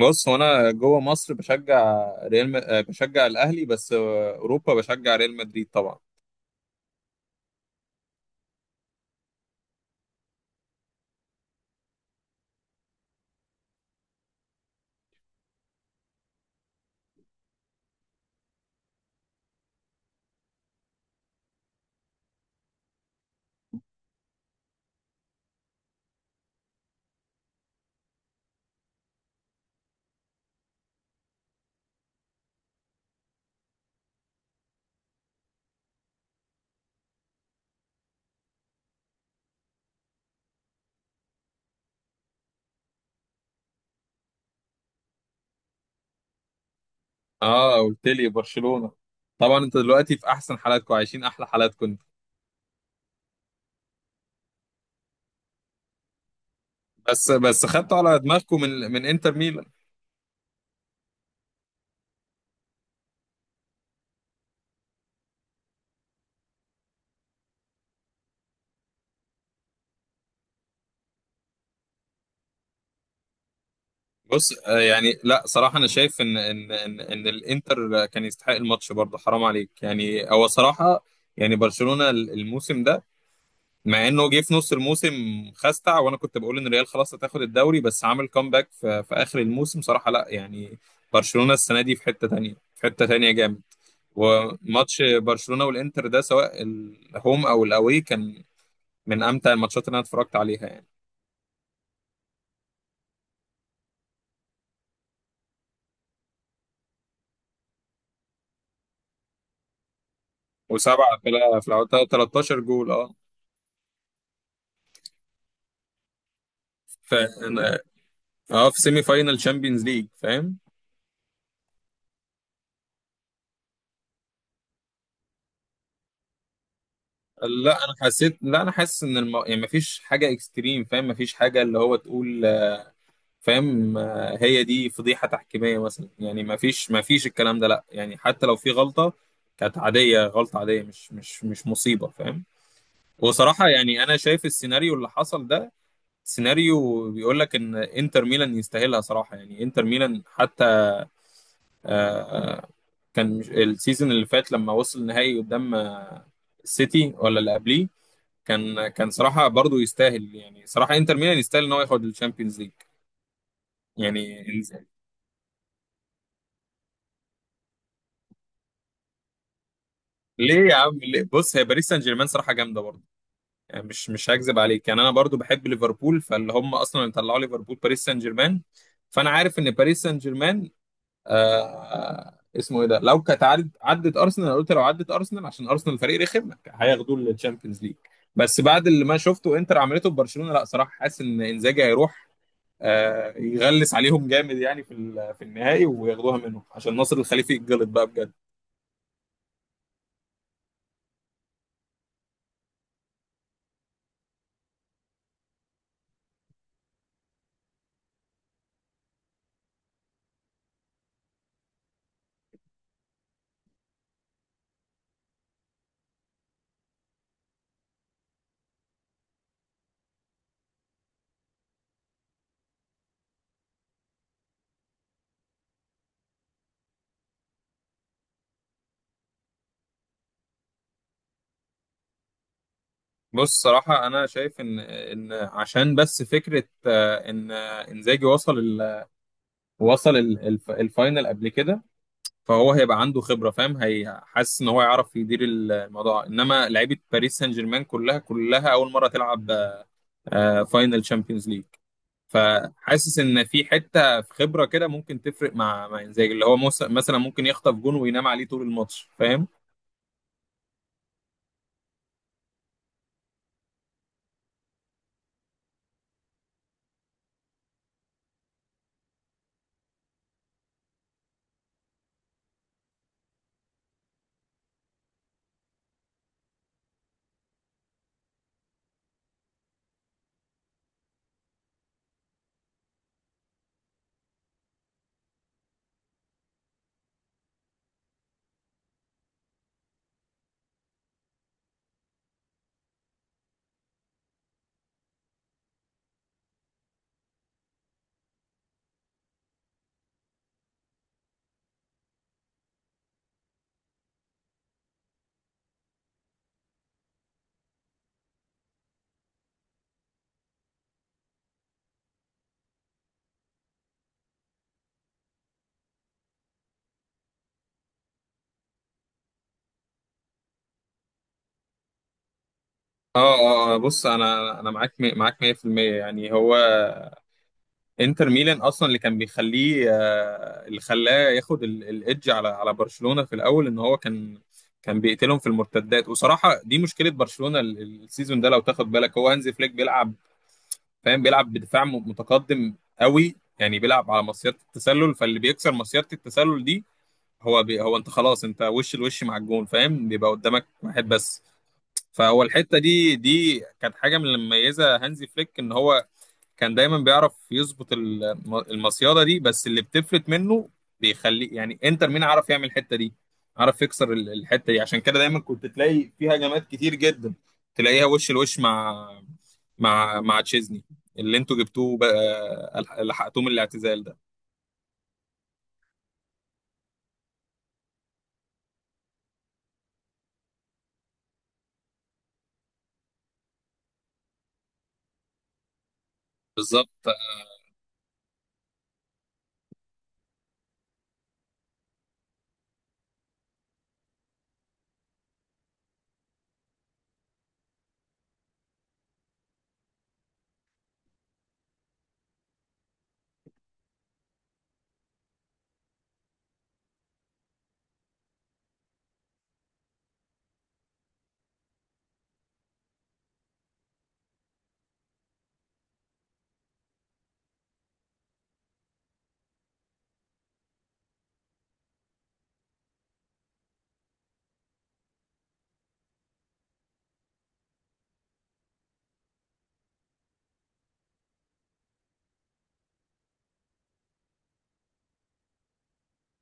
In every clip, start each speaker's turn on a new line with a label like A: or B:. A: بص، هو انا جوه مصر بشجع الاهلي، بس اوروبا بشجع ريال مدريد طبعا. اه، قلت لي برشلونة. طبعا انت دلوقتي في احسن حالاتكم، عايشين احلى حالاتكم انتوا. بس خدتوا على دماغكم من انتر ميلان. بص، يعني لا، صراحة انا شايف إن الانتر كان يستحق الماتش برضه، حرام عليك. يعني هو صراحة، يعني برشلونة الموسم ده، مع انه جه في نص الموسم، خستع. وانا كنت بقول ان الريال خلاص هتاخد الدوري، بس عمل كومباك في اخر الموسم، صراحه لا يعني. برشلونه السنه دي في حته تانية، في حته تانية جامد. وماتش برشلونه والانتر ده، سواء الهوم او الاوي، كان من امتع الماتشات اللي انا اتفرجت عليها يعني. وسبعه في العودة 13 جول. اه في اه في سيمي فاينال تشامبيونز ليج، فاهم. لا انا حاسس ان يعني مفيش حاجه اكستريم، فاهم، مفيش حاجه اللي هو تقول، فاهم، هي دي فضيحة تحكيمية مثلا يعني. ما فيش الكلام ده، لا يعني، حتى لو في غلطة كانت عادية، غلطة عادية، مش مصيبة، فاهم. وصراحة يعني أنا شايف السيناريو اللي حصل ده، سيناريو بيقول لك إن إنتر ميلان يستاهلها صراحة. يعني إنتر ميلان حتى، آه، آه، كان مش- السيزون اللي فات لما وصل النهائي قدام السيتي ولا اللي قبليه، كان صراحة برضو يستاهل. يعني صراحة إنتر ميلان يستاهل إن هو ياخد الشامبيونز ليج يعني. ليه يا عم، ليه؟ بص، هي باريس سان جيرمان صراحه جامده برضه. يعني مش هكذب عليك، يعني انا برضه بحب ليفربول، فاللي هم اصلا اللي طلعوا ليفربول باريس سان جيرمان، فانا عارف ان باريس سان جيرمان، اسمه ايه ده، لو كانت عدت ارسنال، أنا قلت لو عدت ارسنال عشان ارسنال فريق رخم هياخدوه للتشامبيونز ليج. بس بعد اللي ما شفته انتر عملته في برشلونه، لا صراحه حاسس ان انزاجي هيروح يغلس عليهم جامد، يعني في النهائي وياخدوها منهم عشان ناصر الخليفي يتجلط بقى بجد. بص، صراحة أنا شايف إن عشان بس فكرة، إن إنزاجي وصل الفاينل قبل كده. فهو هيبقى عنده خبرة، فاهم، هي حاسس إن هو يعرف يدير الموضوع. إنما لعيبة باريس سان جيرمان كلها كلها أول مرة تلعب فاينل تشامبيونز ليج. فحاسس ان في حته، في خبره كده ممكن تفرق مع انزاجي، اللي هو مثلا ممكن يخطف جون وينام عليه طول الماتش، فاهم. اه، اه، بص، انا معاك 100%. يعني هو انتر ميلان اصلا اللي كان بيخليه، اللي خلاه ياخد الايدج على برشلونه في الاول، ان هو كان، كان بيقتلهم في المرتدات. وصراحه دي مشكله برشلونه، السيزون ده لو تاخد بالك، هو هانزي فليك بيلعب، فاهم، بيلعب بدفاع متقدم قوي، يعني بيلعب على مصيده التسلل. فاللي بيكسر مصيده التسلل دي، هو انت خلاص، انت وش لوش مع الجون، فاهم، بيبقى قدامك واحد بس. فهو الحته دي كانت حاجه من اللي مميزه هانزي فليك، ان هو كان دايما بيعرف يظبط المصيادة دي، بس اللي بتفلت منه بيخليه. يعني انتر ميامي عرف يعمل الحتة دي، عرف يكسر الحتة دي، عشان كده دايما كنت تلاقي فيها هجمات كتير جدا، تلاقيها وش لوش مع مع تشيزني اللي انتوا جبتوه بقى، لحقتوه من الاعتزال ده. بالظبط.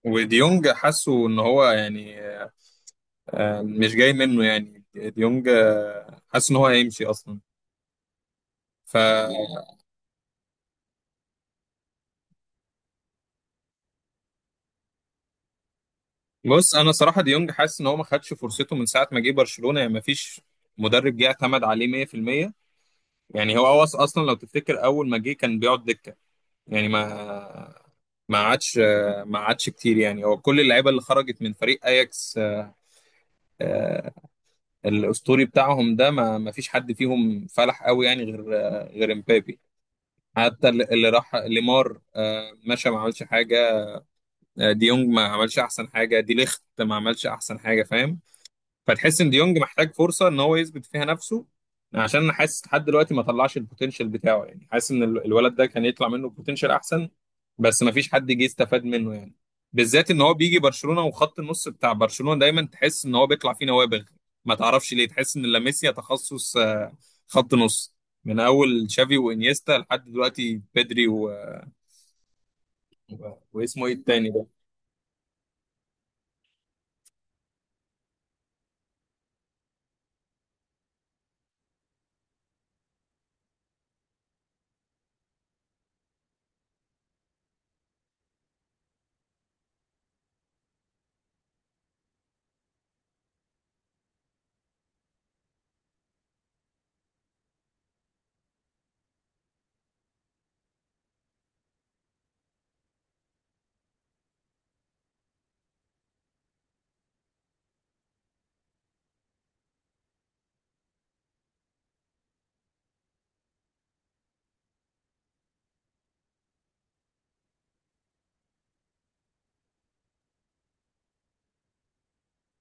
A: وديونج حاسه ان هو يعني مش جاي منه، يعني ديونج حاسس ان هو هيمشي اصلا. ف بص، انا صراحه ديونج حاسس ان هو ما خدش فرصته من ساعه ما جه برشلونه، يعني ما فيش مدرب جه اعتمد عليه 100%. يعني هو أوص اصلا، لو تفتكر اول ما جه كان بيقعد دكه، يعني ما عادش ما عادش كتير. يعني هو كل اللعيبه اللي خرجت من فريق اياكس آه، الاسطوري بتاعهم ده، ما فيش حد فيهم فلح قوي يعني، غير امبابي. حتى اللي راح ليمار مشى ما عملش حاجه. ديونج ما عملش احسن حاجه، دي ليخت ما عملش احسن حاجه، فاهم. فتحس ان ديونج محتاج فرصه ان هو يثبت فيها نفسه، عشان انا حاسس لحد دلوقتي ما طلعش البوتنشال بتاعه. يعني حاسس ان الولد ده كان يطلع منه بوتنشال احسن، بس ما فيش حد جه استفاد منه يعني. بالذات ان هو بيجي برشلونه، وخط النص بتاع برشلونه دايما تحس ان هو بيطلع فيه نوابغ، ما تعرفش ليه. تحس ان لاماسيا تخصص خط نص، من اول تشافي وانيستا لحد دلوقتي بيدري واسمه ايه التاني ده.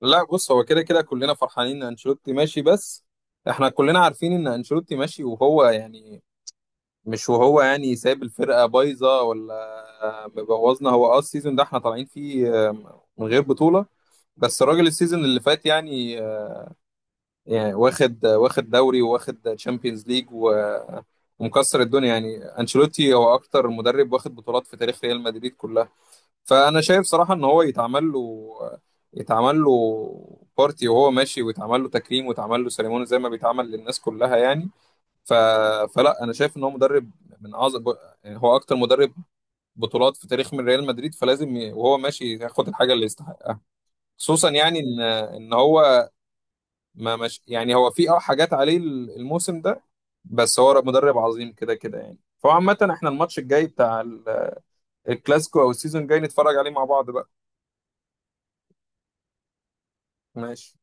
A: لا، بص، هو كده كده كلنا فرحانين ان انشيلوتي ماشي. بس احنا كلنا عارفين ان انشيلوتي ماشي، وهو يعني مش، وهو يعني سايب الفرقه بايظه ولا مبوظنا. هو، السيزون ده احنا طالعين فيه من غير بطوله، بس الراجل السيزون اللي فات يعني، يعني واخد دوري، وواخد تشامبيونز ليج، ومكسر الدنيا. يعني انشيلوتي هو اكتر مدرب واخد بطولات في تاريخ ريال مدريد كلها. فانا شايف صراحه ان هو يتعمل له بارتي وهو ماشي، ويتعمل له تكريم، ويتعمل له سيريموني زي ما بيتعمل للناس كلها يعني. ف... فلا انا شايف ان هو مدرب من اعظم، يعني هو اكتر مدرب بطولات في تاريخ من ريال مدريد، فلازم وهو ماشي ياخد الحاجه اللي يستحقها. خصوصا يعني ان هو ما مش يعني هو في حاجات عليه الموسم ده، بس هو مدرب عظيم كده كده يعني. فعامة احنا الماتش الجاي بتاع الكلاسيكو، او السيزون الجاي، نتفرج عليه مع بعض بقى. ماشي.